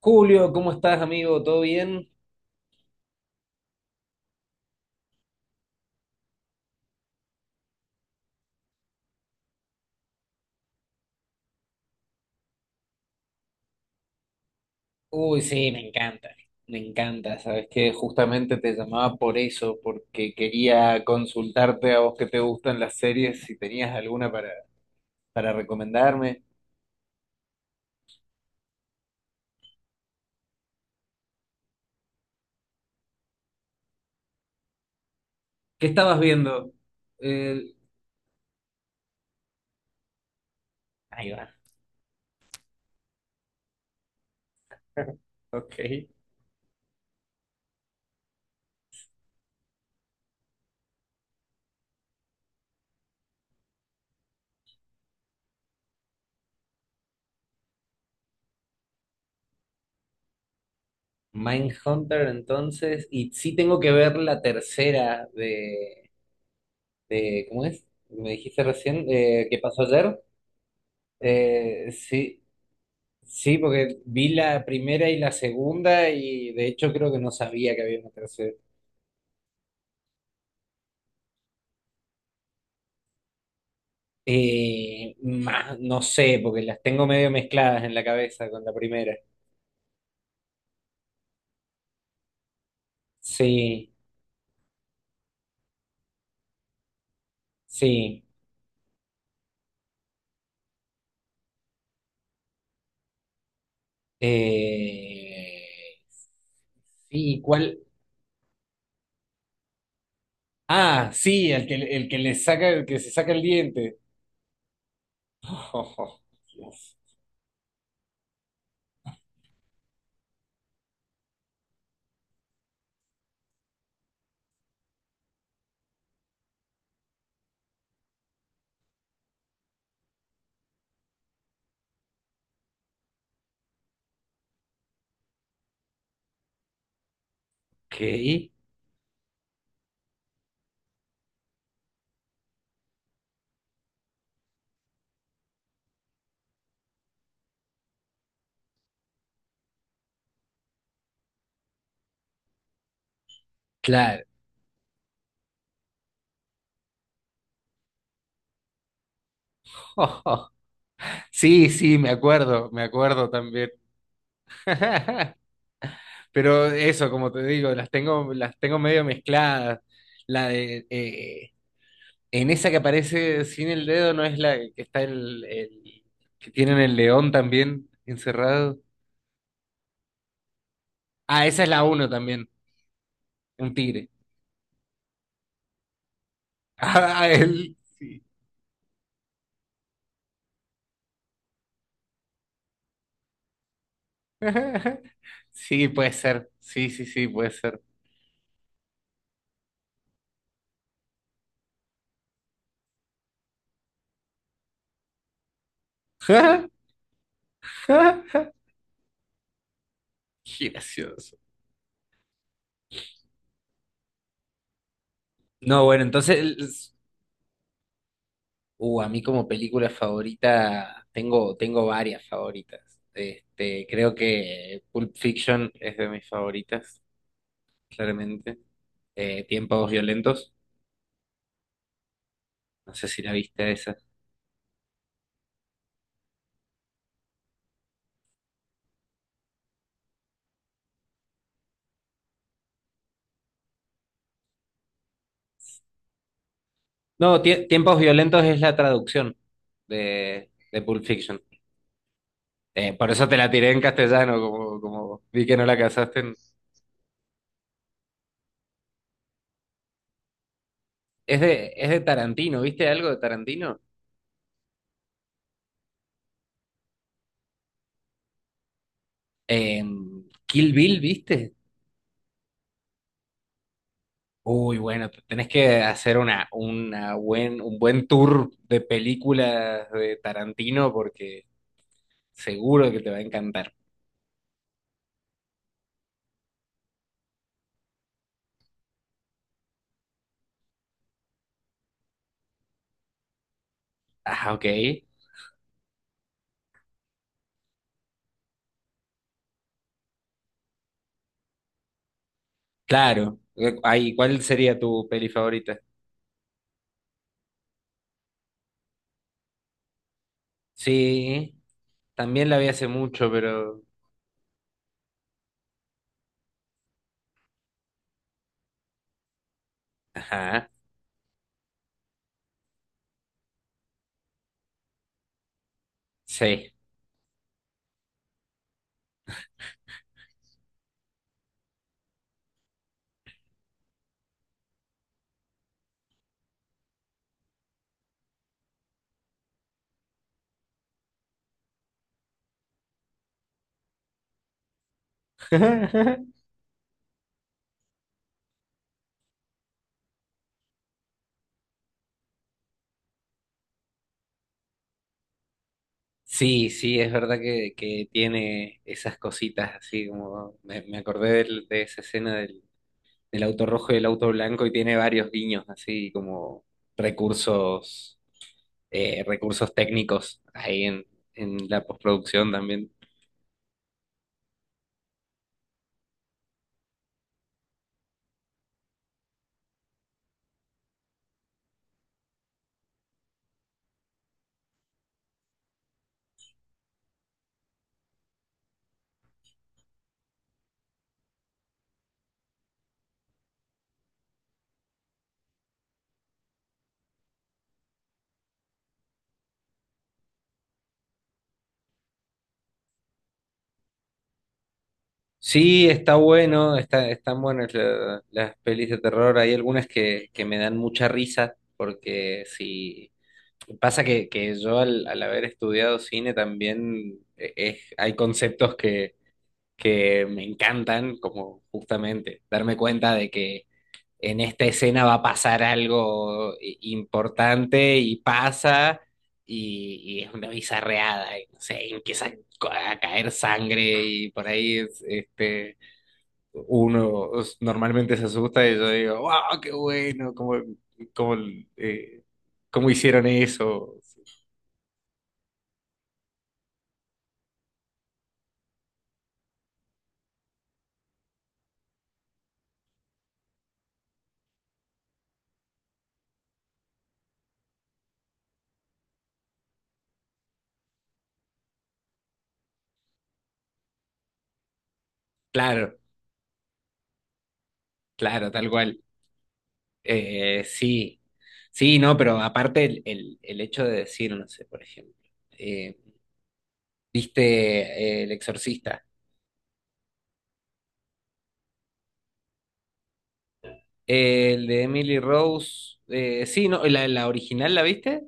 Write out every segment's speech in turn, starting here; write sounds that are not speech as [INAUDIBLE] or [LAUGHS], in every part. Julio, ¿cómo estás, amigo? ¿Todo bien? Uy, sí, me encanta, me encanta. Sabes que justamente te llamaba por eso, porque quería consultarte a vos que te gustan las series, si tenías alguna para recomendarme. ¿Qué estabas viendo? El- Ahí va, ok. Mindhunter, entonces, y sí tengo que ver la tercera de, ¿cómo es? Me dijiste recién, ¿qué pasó ayer? Eh, sí, Sí, porque vi la primera y la segunda y de hecho creo que no sabía que había una tercera. Más, no sé, porque las tengo medio mezcladas en la cabeza con la primera. Sí, sí. Eh, sí, ¿cuál? Ah, sí, el que le saca, el que se saca el diente. [LAUGHS] Ok, claro. [LAUGHS] Sí, sí, me acuerdo también. [LAUGHS] Pero eso, como te digo, las tengo medio mezcladas. La de en esa que aparece sin el dedo, ¿no es la que está que tienen el león también encerrado? Ah, esa es la uno también, un tigre. [LAUGHS] Ah, él, sí. [LAUGHS] Sí, puede ser. Sí, sí, sí, puede ser. [LAUGHS] Qué gracioso. No, bueno, entonces a mí como película favorita tengo, tengo varias favoritas. Este, creo que Pulp Fiction es de mis favoritas, claramente. Tiempos Violentos, no sé si la viste esa. No, Tiempos Violentos es la traducción de Pulp Fiction. Por eso te la tiré en castellano, como, como vi que no la casaste. Es de Tarantino, ¿viste algo de Tarantino? Kill Bill, ¿viste? Uy, bueno, tenés que hacer una buen, un buen tour de películas de Tarantino porque seguro que te va a encantar. Ah, ok. Claro. Ay, ¿cuál sería tu peli favorita? Sí, también la vi hace mucho, pero... Ajá, sí. [LAUGHS] Sí, sí, es verdad que tiene esas cositas así como... Me acordé de, esa escena del, el auto rojo y el auto blanco y tiene varios guiños, así como recursos, recursos técnicos ahí en la postproducción también. Sí, está bueno, está, están buenas las pelis de terror. Hay algunas que me dan mucha risa, porque si pasa que yo al, al haber estudiado cine también hay conceptos que me encantan, como justamente darme cuenta de que en esta escena va a pasar algo importante y pasa y es una bizarreada, y, no sé, y empieza a caer sangre y por ahí este, uno normalmente se asusta y yo digo, wow, qué bueno, cómo, cómo, eh, cómo hicieron eso. Claro, claro, tal cual. Eh, sí, sí, no, pero aparte el, el hecho de decir, no sé, por ejemplo, eh, ¿viste El Exorcista? El de Emily Rose. Sí, no, la original, ¿la viste?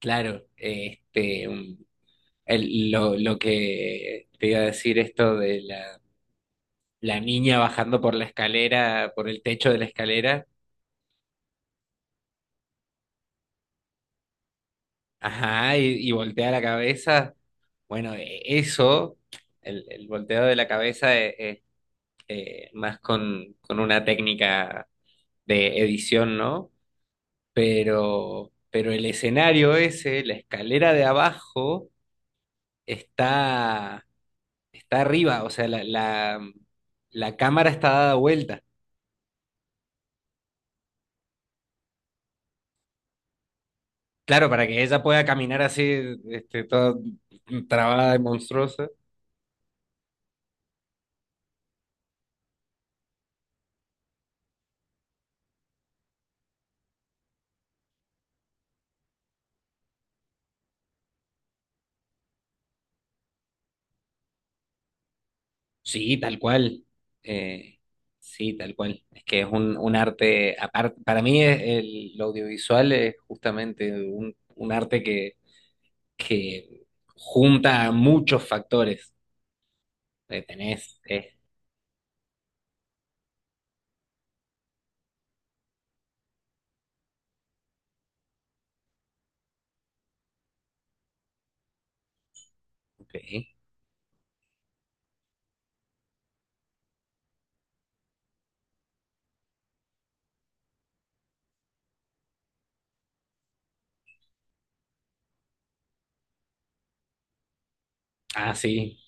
Claro, este, lo que te iba a decir esto de la, la niña bajando por la escalera, por el techo de la escalera, ajá, y voltea la cabeza. Bueno, eso, el volteo de la cabeza es, más con una técnica de edición, ¿no? Pero el escenario ese, la escalera de abajo está, está arriba, o sea, la cámara está dada vuelta. Claro, para que ella pueda caminar así, este, toda trabada y monstruosa. Sí, tal cual. Eh, sí, tal cual. Es que es un arte, aparte, para mí es el, lo audiovisual es justamente un arte que junta muchos factores. Tenés, ok. Ah, sí.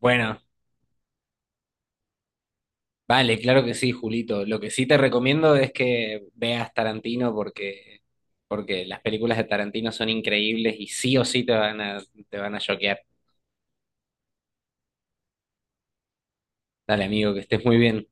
Bueno. Vale, claro que sí, Julito. Lo que sí te recomiendo es que veas Tarantino porque, porque las películas de Tarantino son increíbles y sí o sí te van a choquear. Dale, amigo, que estés muy bien.